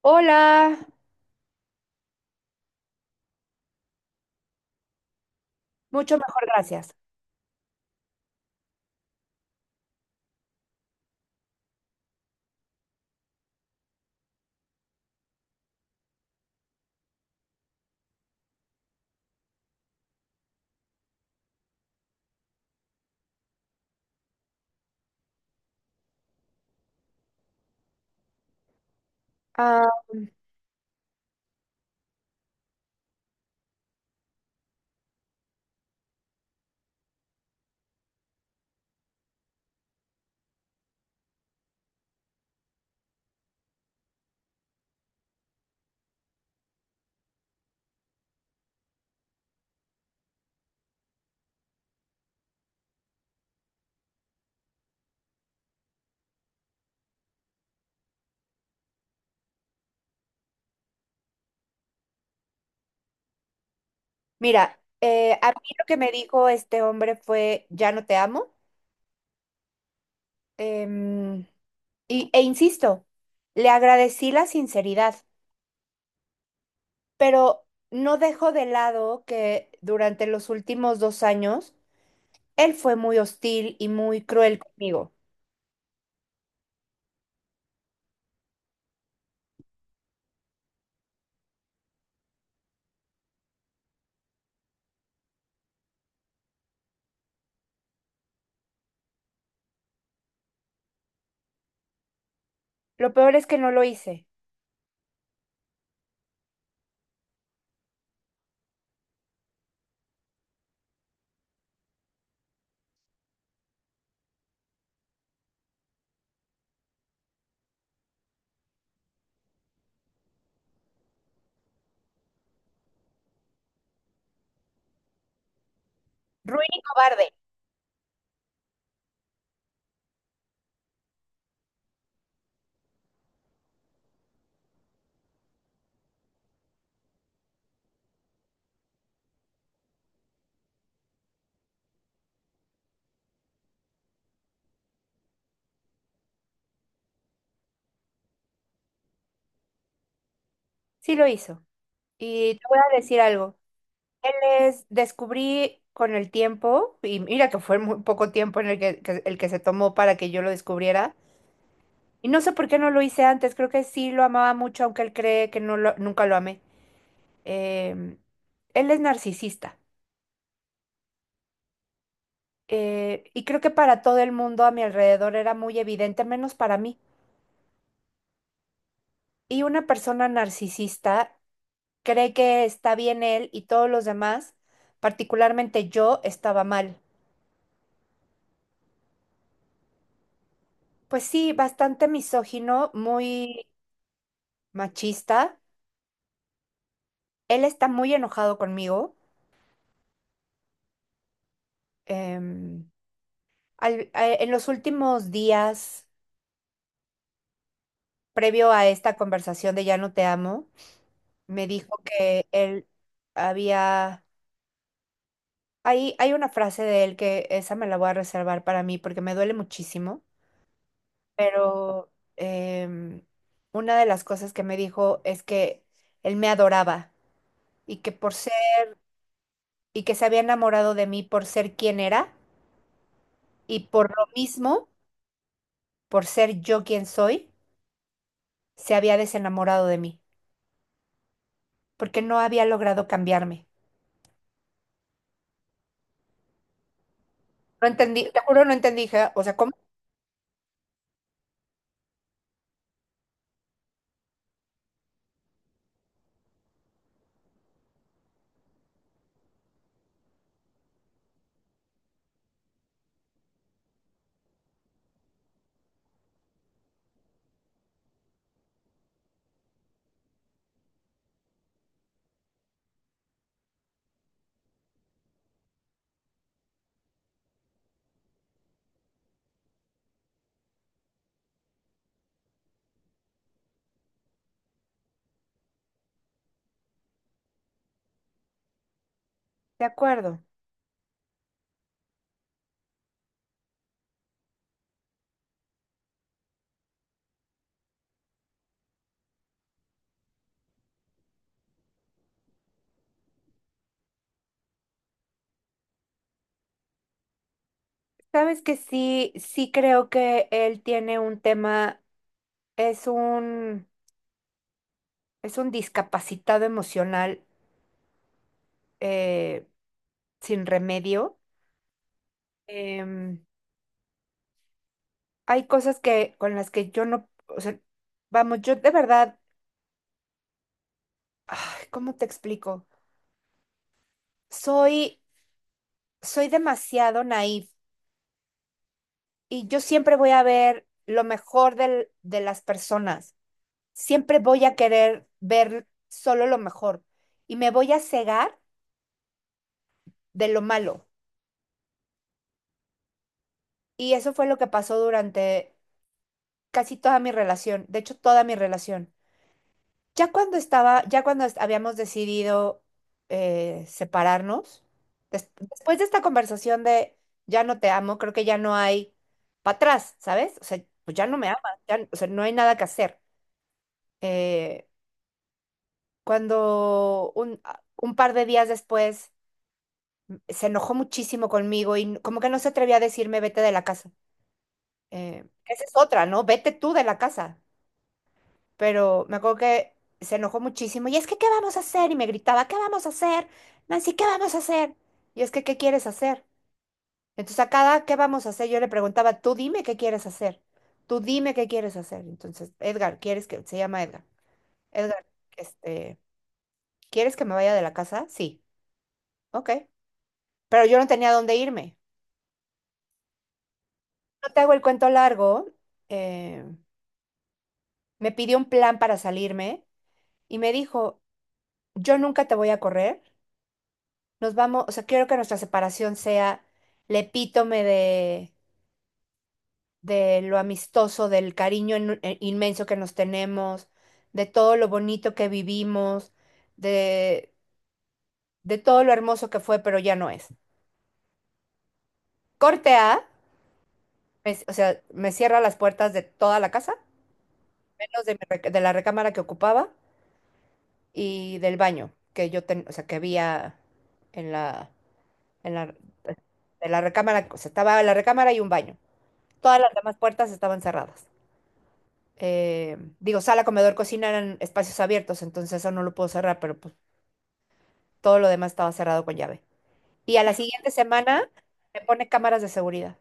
Hola, mucho mejor, gracias. Ah, mira, a mí lo que me dijo este hombre fue, ya no te amo. Em, e insisto, le agradecí la sinceridad, pero no dejo de lado que durante los últimos 2 años él fue muy hostil y muy cruel conmigo. Lo peor es que no lo hice. Ruin y cobarde, sí lo hizo. Y te voy a decir algo. Él es, descubrí con el tiempo, y mira que fue muy poco tiempo en el que- el que se tomó para que yo lo descubriera, y no sé por qué no lo hice antes, creo que sí lo amaba mucho, aunque él cree que nunca lo amé. Em, él es narcisista, y creo que para todo el mundo a mi alrededor era muy evidente, menos para mí. Y una persona narcisista cree que está bien él y todos los demás, particularmente yo, estaba mal. Pues sí, bastante misógino, muy machista. Él está muy enojado conmigo. Em, en los últimos días, previo a esta conversación de ya no te amo, me dijo que él había. Hay una frase de él que esa me la voy a reservar para mí porque me duele muchísimo, pero em, una de las cosas que me dijo es que él me adoraba y que por ser, y que se había enamorado de mí por ser quien era y por lo mismo por ser yo quien soy, se había desenamorado de mí, porque no había logrado cambiarme. No entendí, te juro, no entendí, dije, o sea, ¿cómo? De acuerdo. Sabes que sí, sí creo que él tiene un tema, es un, es un discapacitado emocional eh, sin remedio. Em, hay cosas que con las que yo no, o sea, vamos, yo de verdad, ay, ¿cómo te explico? Soy, soy demasiado naif. Y yo siempre voy a ver lo mejor de las personas. Siempre voy a querer ver solo lo mejor. Y me voy a cegar de lo malo. Y eso fue lo que pasó durante casi toda mi relación. De hecho, toda mi relación. Ya habíamos decidido separarnos, después de esta conversación de ya no te amo, creo que ya no hay para atrás, ¿sabes? O sea, pues ya no me amas, ya, o sea, no hay nada que hacer. Eh, cuando un par de días después se enojó muchísimo conmigo y como que no se atrevía a decirme vete de la casa. Esa es otra, ¿no? Vete tú de la casa. Pero me acuerdo que se enojó muchísimo y es que, ¿qué vamos a hacer? Y me gritaba, ¿qué vamos a hacer? Nancy, ¿qué vamos a hacer? Y es que, ¿qué quieres hacer? Entonces a cada, ¿qué vamos a hacer? Yo le preguntaba, tú dime qué quieres hacer. Tú dime qué quieres hacer. Entonces, Edgar, ¿quieres que, se llama Edgar? Edgar, este, ¿quieres que me vaya de la casa? Sí. Ok. Pero yo no tenía dónde irme. No te hago el cuento largo. eh, me pidió un plan para salirme y me dijo, yo nunca te voy a correr. Nos vamos, o sea, quiero que nuestra separación sea el epítome de lo amistoso, del cariño inmenso que nos tenemos, de todo lo bonito que vivimos, de, de todo lo hermoso que fue, pero ya no es. Corte A, o sea, me cierra las puertas de toda la casa, menos de la recámara que ocupaba y del baño o sea, que había en la, en la, de la recámara, o sea, estaba la recámara y un baño. Todas las demás puertas estaban cerradas. Digo, sala, comedor, cocina eran espacios abiertos, entonces eso no lo puedo cerrar, pero pues todo lo demás estaba cerrado con llave. Y a la siguiente semana me pone cámaras de seguridad.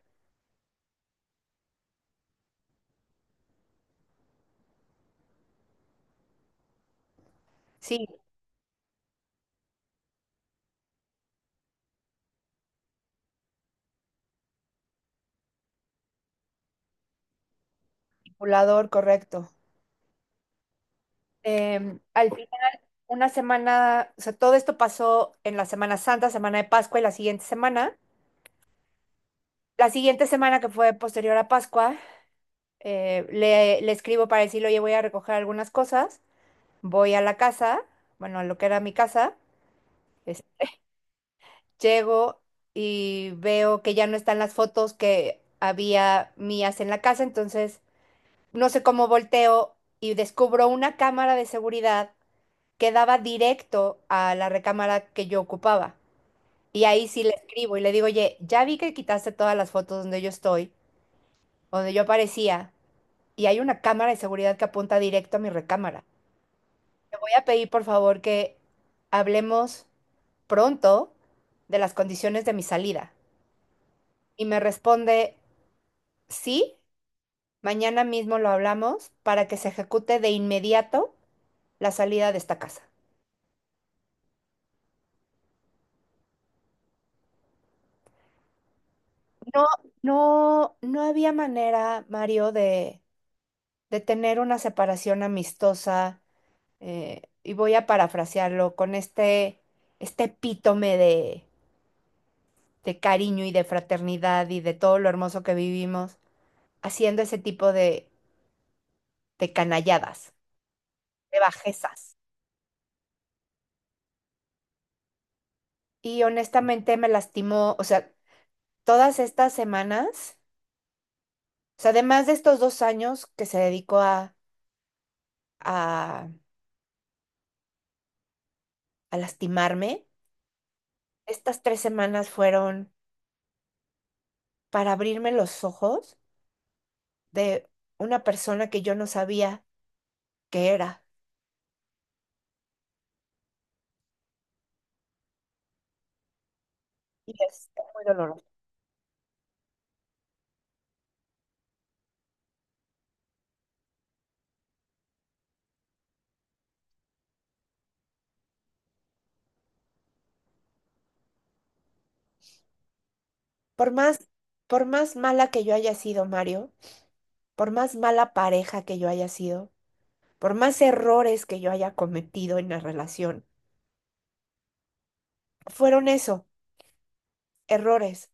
Sí, manipulador, correcto. Al final, una semana, o sea, todo esto pasó en la Semana Santa, Semana de Pascua y la siguiente semana. La siguiente semana, que fue posterior a Pascua, le escribo para decirle, oye, voy a recoger algunas cosas, voy a la casa, bueno, a lo que era mi casa, es- llego y veo que ya no están las fotos que había mías en la casa, entonces no sé cómo volteo y descubro una cámara de seguridad que daba directo a la recámara que yo ocupaba. Y ahí sí le escribo y le digo, oye, ya vi que quitaste todas las fotos donde yo estoy, donde yo aparecía. Y hay una cámara de seguridad que apunta directo a mi recámara. Te voy a pedir, por favor, que hablemos pronto de las condiciones de mi salida. Y me responde, sí, mañana mismo lo hablamos para que se ejecute de inmediato la salida de esta casa. No, no, no había manera, Mario, de tener una separación amistosa, y voy a parafrasearlo con este epítome de cariño y de fraternidad y de todo lo hermoso que vivimos haciendo ese tipo de canalladas, de bajezas. Y honestamente me lastimó, o sea, todas estas semanas, o sea, además de estos 2 años que se dedicó a, a, lastimarme, estas 3 semanas fueron para abrirme los ojos de una persona que yo no sabía que era. Y es muy doloroso. Por más, por más mala que yo haya sido, Mario, por más mala pareja que yo haya sido, por más errores que yo haya cometido en la relación, fueron eso, errores.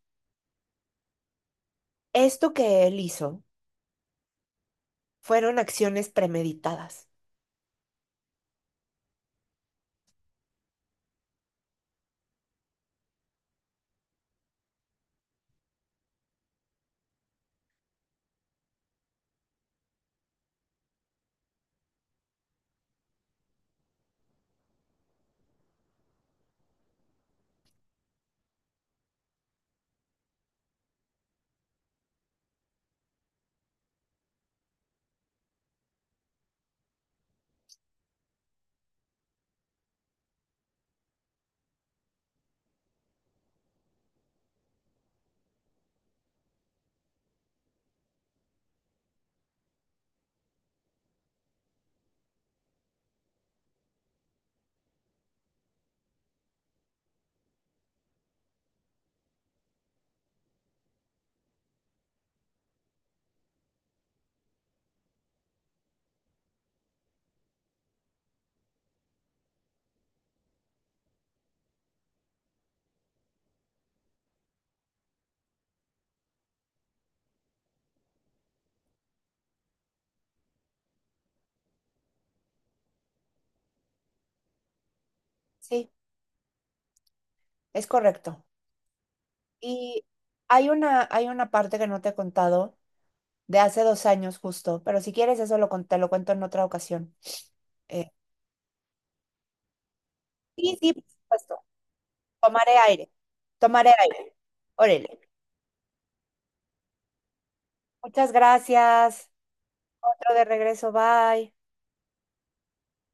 Esto que él hizo fueron acciones premeditadas. Sí, es correcto. Y hay una parte que no te he contado de hace 2 años justo, pero si quieres eso te lo cuento en otra ocasión. Eh, sí, sí, por supuesto. Tomaré aire. Tomaré aire. Órale. Muchas gracias. Otro de regreso. Bye.